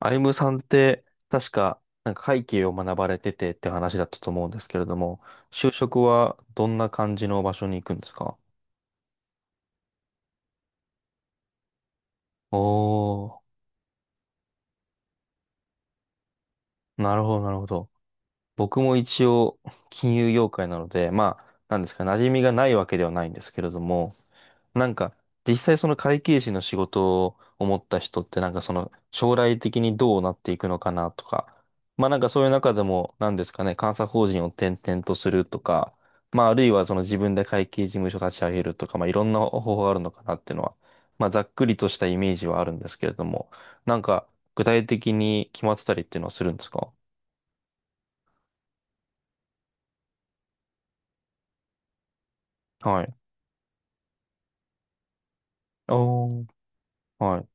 アイムさんって、確か、会計を学ばれててって話だったと思うんですけれども、就職はどんな感じの場所に行くんですか？おー、なるほど、なるほど。僕も一応金融業界なので、まあ、なんですか、馴染みがないわけではないんですけれども、なんか、実際その会計士の仕事を思った人って、その将来的にどうなっていくのかなとか、まあそういう中でも、なんですかね、監査法人を転々とするとか、まああるいはその自分で会計事務所立ち上げるとか、まあいろんな方法があるのかなっていうのは、まあざっくりとしたイメージはあるんですけれども、なんか具体的に決まってたりっていうのはするんですか？はい。おー、はい。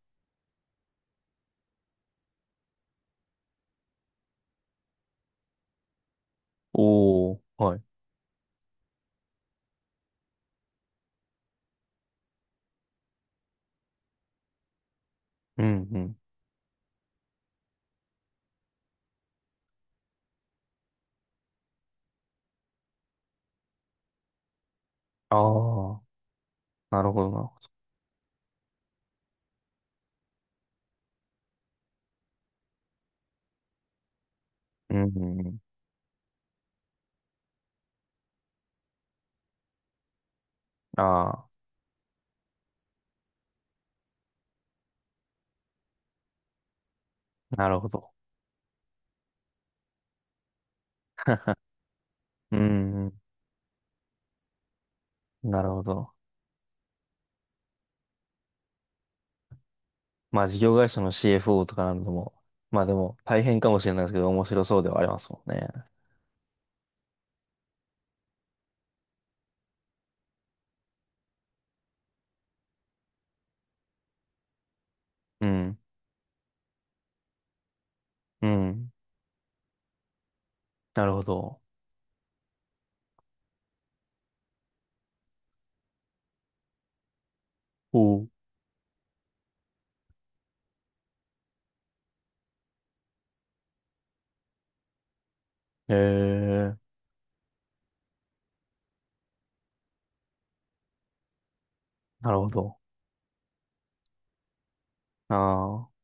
おー、はい。うん、うん。ああ、なるほど、なるほど。うん、うんうん。ああ、なるほど。うん、うん。なるほど。まあ、事業会社の CFO とかなんでも、まあでも、大変かもしれないですけど、面白そうではありますもんね。うん、うん。なるほど。おう。へえ、なるほど。ああ、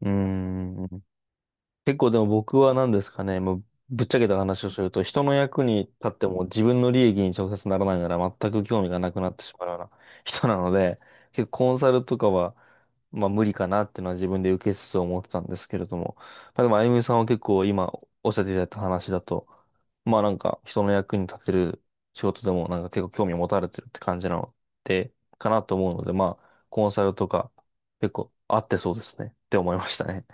うん。結構でも僕は何ですかね、もうぶっちゃけた話をすると、人の役に立っても自分の利益に直接ならないなら全く興味がなくなってしまうような人なので、結構コンサルとかは、まあ無理かなっていうのは自分で受けつつ思ってたんですけれども、まあでもあゆみさんは結構今おっしゃっていただいた話だと、まあ人の役に立てる仕事でも結構興味を持たれてるって感じなので、かなと思うので、まあコンサルとか結構合ってそうですねって思いましたね。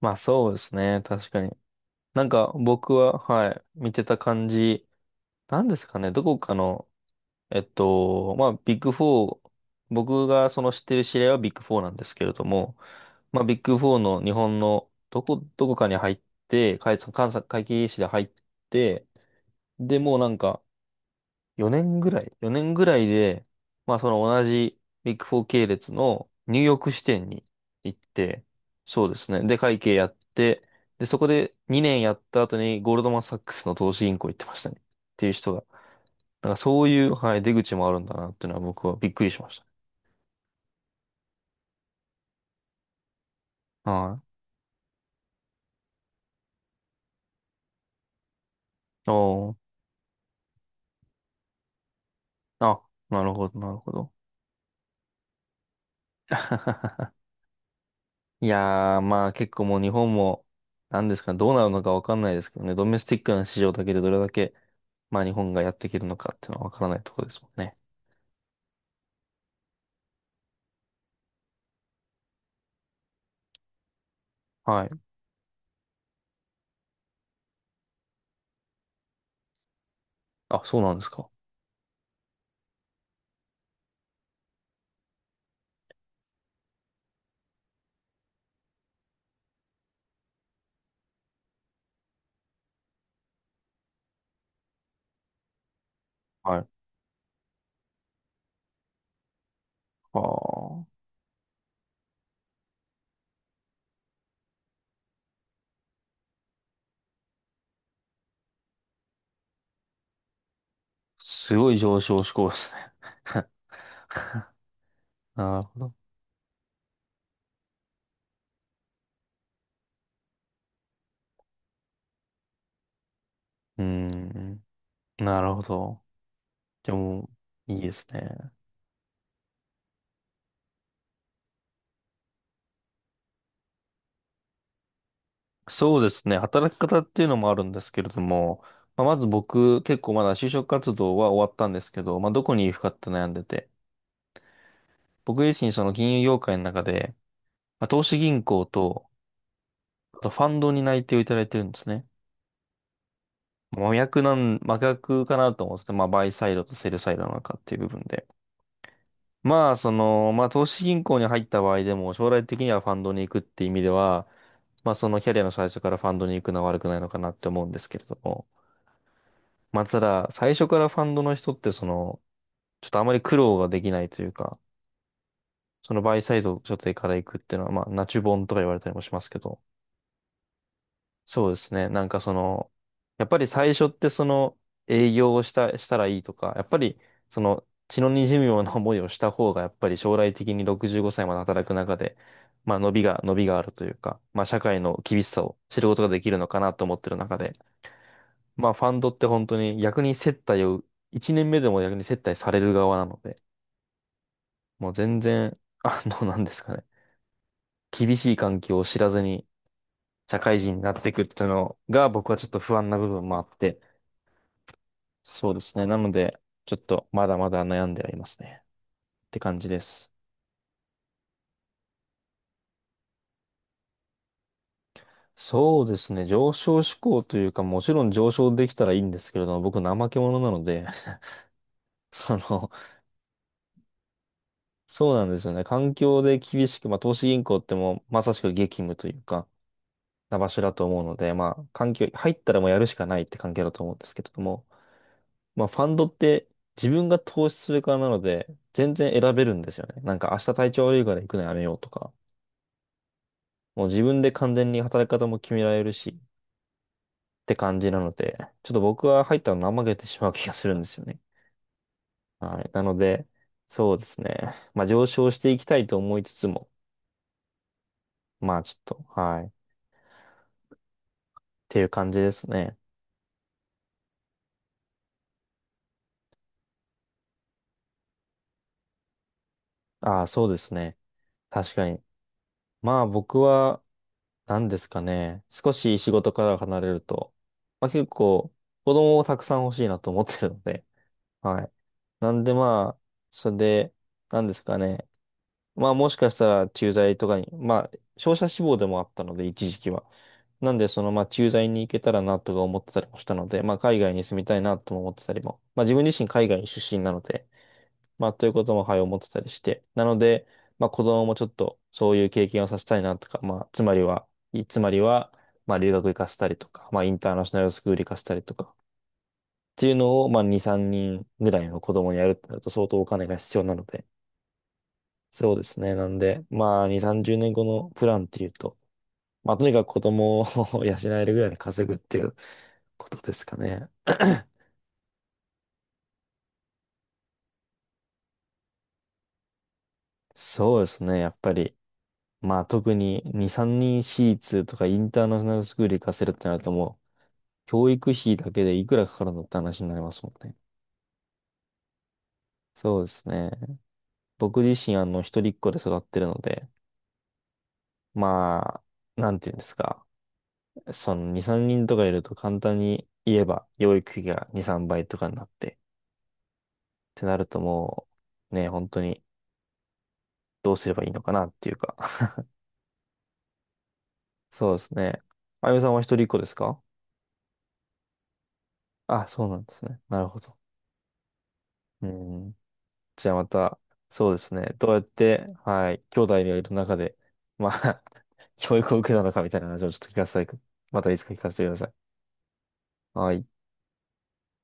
まあそうですね。確かに。僕は、はい、見てた感じ、なんですかね。どこかの、まあビッグフォー、僕がその知ってる知り合いはビッグフォーなんですけれども、まあビッグフォーの日本のどこかに入って、監査会計士で入って、で、もう4年ぐらい ?4 年ぐらいで、まあその同じビッグフォー系列のニューヨーク支店に行って、そうですね。で、会計やって、で、そこで2年やった後にゴールドマンサックスの投資銀行行ってましたね。っていう人が。そういう、はい、出口もあるんだなっていうのは僕はびっくりしました。はい。おー。あ、なるほど、なるほど。いやー、まあ結構もう日本も、なんですかね、どうなるのかわかんないですけどね、ドメスティックな市場だけでどれだけ、まあ日本がやっていけるのかっていうのはわからないところですもんね。はい。あ、そうなんですか。はい。ああ、すごい上昇志向ですね。なるほど。うーん。なるほど。でも、いいですね。そうですね。働き方っていうのもあるんですけれども、まあ、まず僕、結構まだ就職活動は終わったんですけど、まあどこに行くかって悩んでて、僕自身その金融業界の中で、まあ、投資銀行と、あとファンドに内定をいただいてるんですね。真逆かなと思うんですけど、まあ、バイサイドとセルサイドの中っていう部分で。まあ、その、まあ、投資銀行に入った場合でも、将来的にはファンドに行くって意味では、まあ、そのキャリアの最初からファンドに行くのは悪くないのかなって思うんですけれども。まあ、ただ、最初からファンドの人って、その、ちょっとあまり苦労ができないというか、そのバイサイド所定から行くっていうのは、まあ、ナチュボンとか言われたりもしますけど、そうですね。その、やっぱり最初ってその営業をした、したらいいとか、やっぱりその血の滲むような思いをした方が、やっぱり将来的に65歳まで働く中で、伸びがあるというか、まあ社会の厳しさを知ることができるのかなと思ってる中で、まあファンドって本当に逆に接待を、1年目でも逆に接待される側なので、もう全然、あの、なんですかね、厳しい環境を知らずに社会人になっていくっていうのが僕はちょっと不安な部分もあって、そうですね。なので、ちょっとまだまだ悩んではいますね。って感じです。そうですね。上昇志向というか、もちろん上昇できたらいいんですけれども、僕怠け者なので、その、そうなんですよね。環境で厳しく、まあ投資銀行ってもうまさしく激務というか、な場所だと思うので、まあ環境、入ったらもうやるしかないって環境だと思うんですけれども、まあファンドって自分が投資する側なので、全然選べるんですよね。明日体調悪いから行くのやめようとか。もう自分で完全に働き方も決められるしって感じなので、ちょっと僕は入ったの怠けてしまう気がするんですよね。はい。なので、そうですね。まあ上昇していきたいと思いつつも、まあちょっと、はい。っていう感じですね。ああ、そうですね。確かに。まあ僕は、何ですかね。少し仕事から離れると、まあ結構、子供をたくさん欲しいなと思ってるので、はい。なんでまあ、それで、何ですかね。まあもしかしたら駐在とかに、まあ商社志望でもあったので一時期は。なんでそのまあ駐在に行けたらなとか思ってたりもしたので、まあ海外に住みたいなとも思ってたりも、まあ自分自身海外出身なので、まあということもはい思ってたりして、なので、まあ子供もちょっとそういう経験をさせたいなとか、まあつまりは、まあ留学行かせたりとか、まあインターナショナルスクール行かせたりとか、っていうのをまあ2、3人ぐらいの子供にやるってなると相当お金が必要なので、そうですね。なんで、まあ、2、30年後のプランっていうと、まあ、とにかく子供を 養えるぐらいに稼ぐっていう ことですかね。そうですね。やっぱり、まあ、特に2、3人私立とかインターナショナルスクール行かせるってなるともう、教育費だけでいくらかかるのって話になりますもんね。そうですね。僕自身、あの、一人っ子で育ってるので、まあ、なんていうんですか。その2、3人とかいると簡単に言えば、養育費が2、3倍とかになって、ってなるともう、ね、本当にどうすればいいのかなっていうか。そうですね。あゆみさんは一人っ子ですか？あ、そうなんですね。なるほど。うん。じゃあまた、そうですね。どうやって、はい、兄弟がいる中で、まあ 教育を受けたのかみたいな話をちょっと聞かせて、またいつか聞かせてください。はい。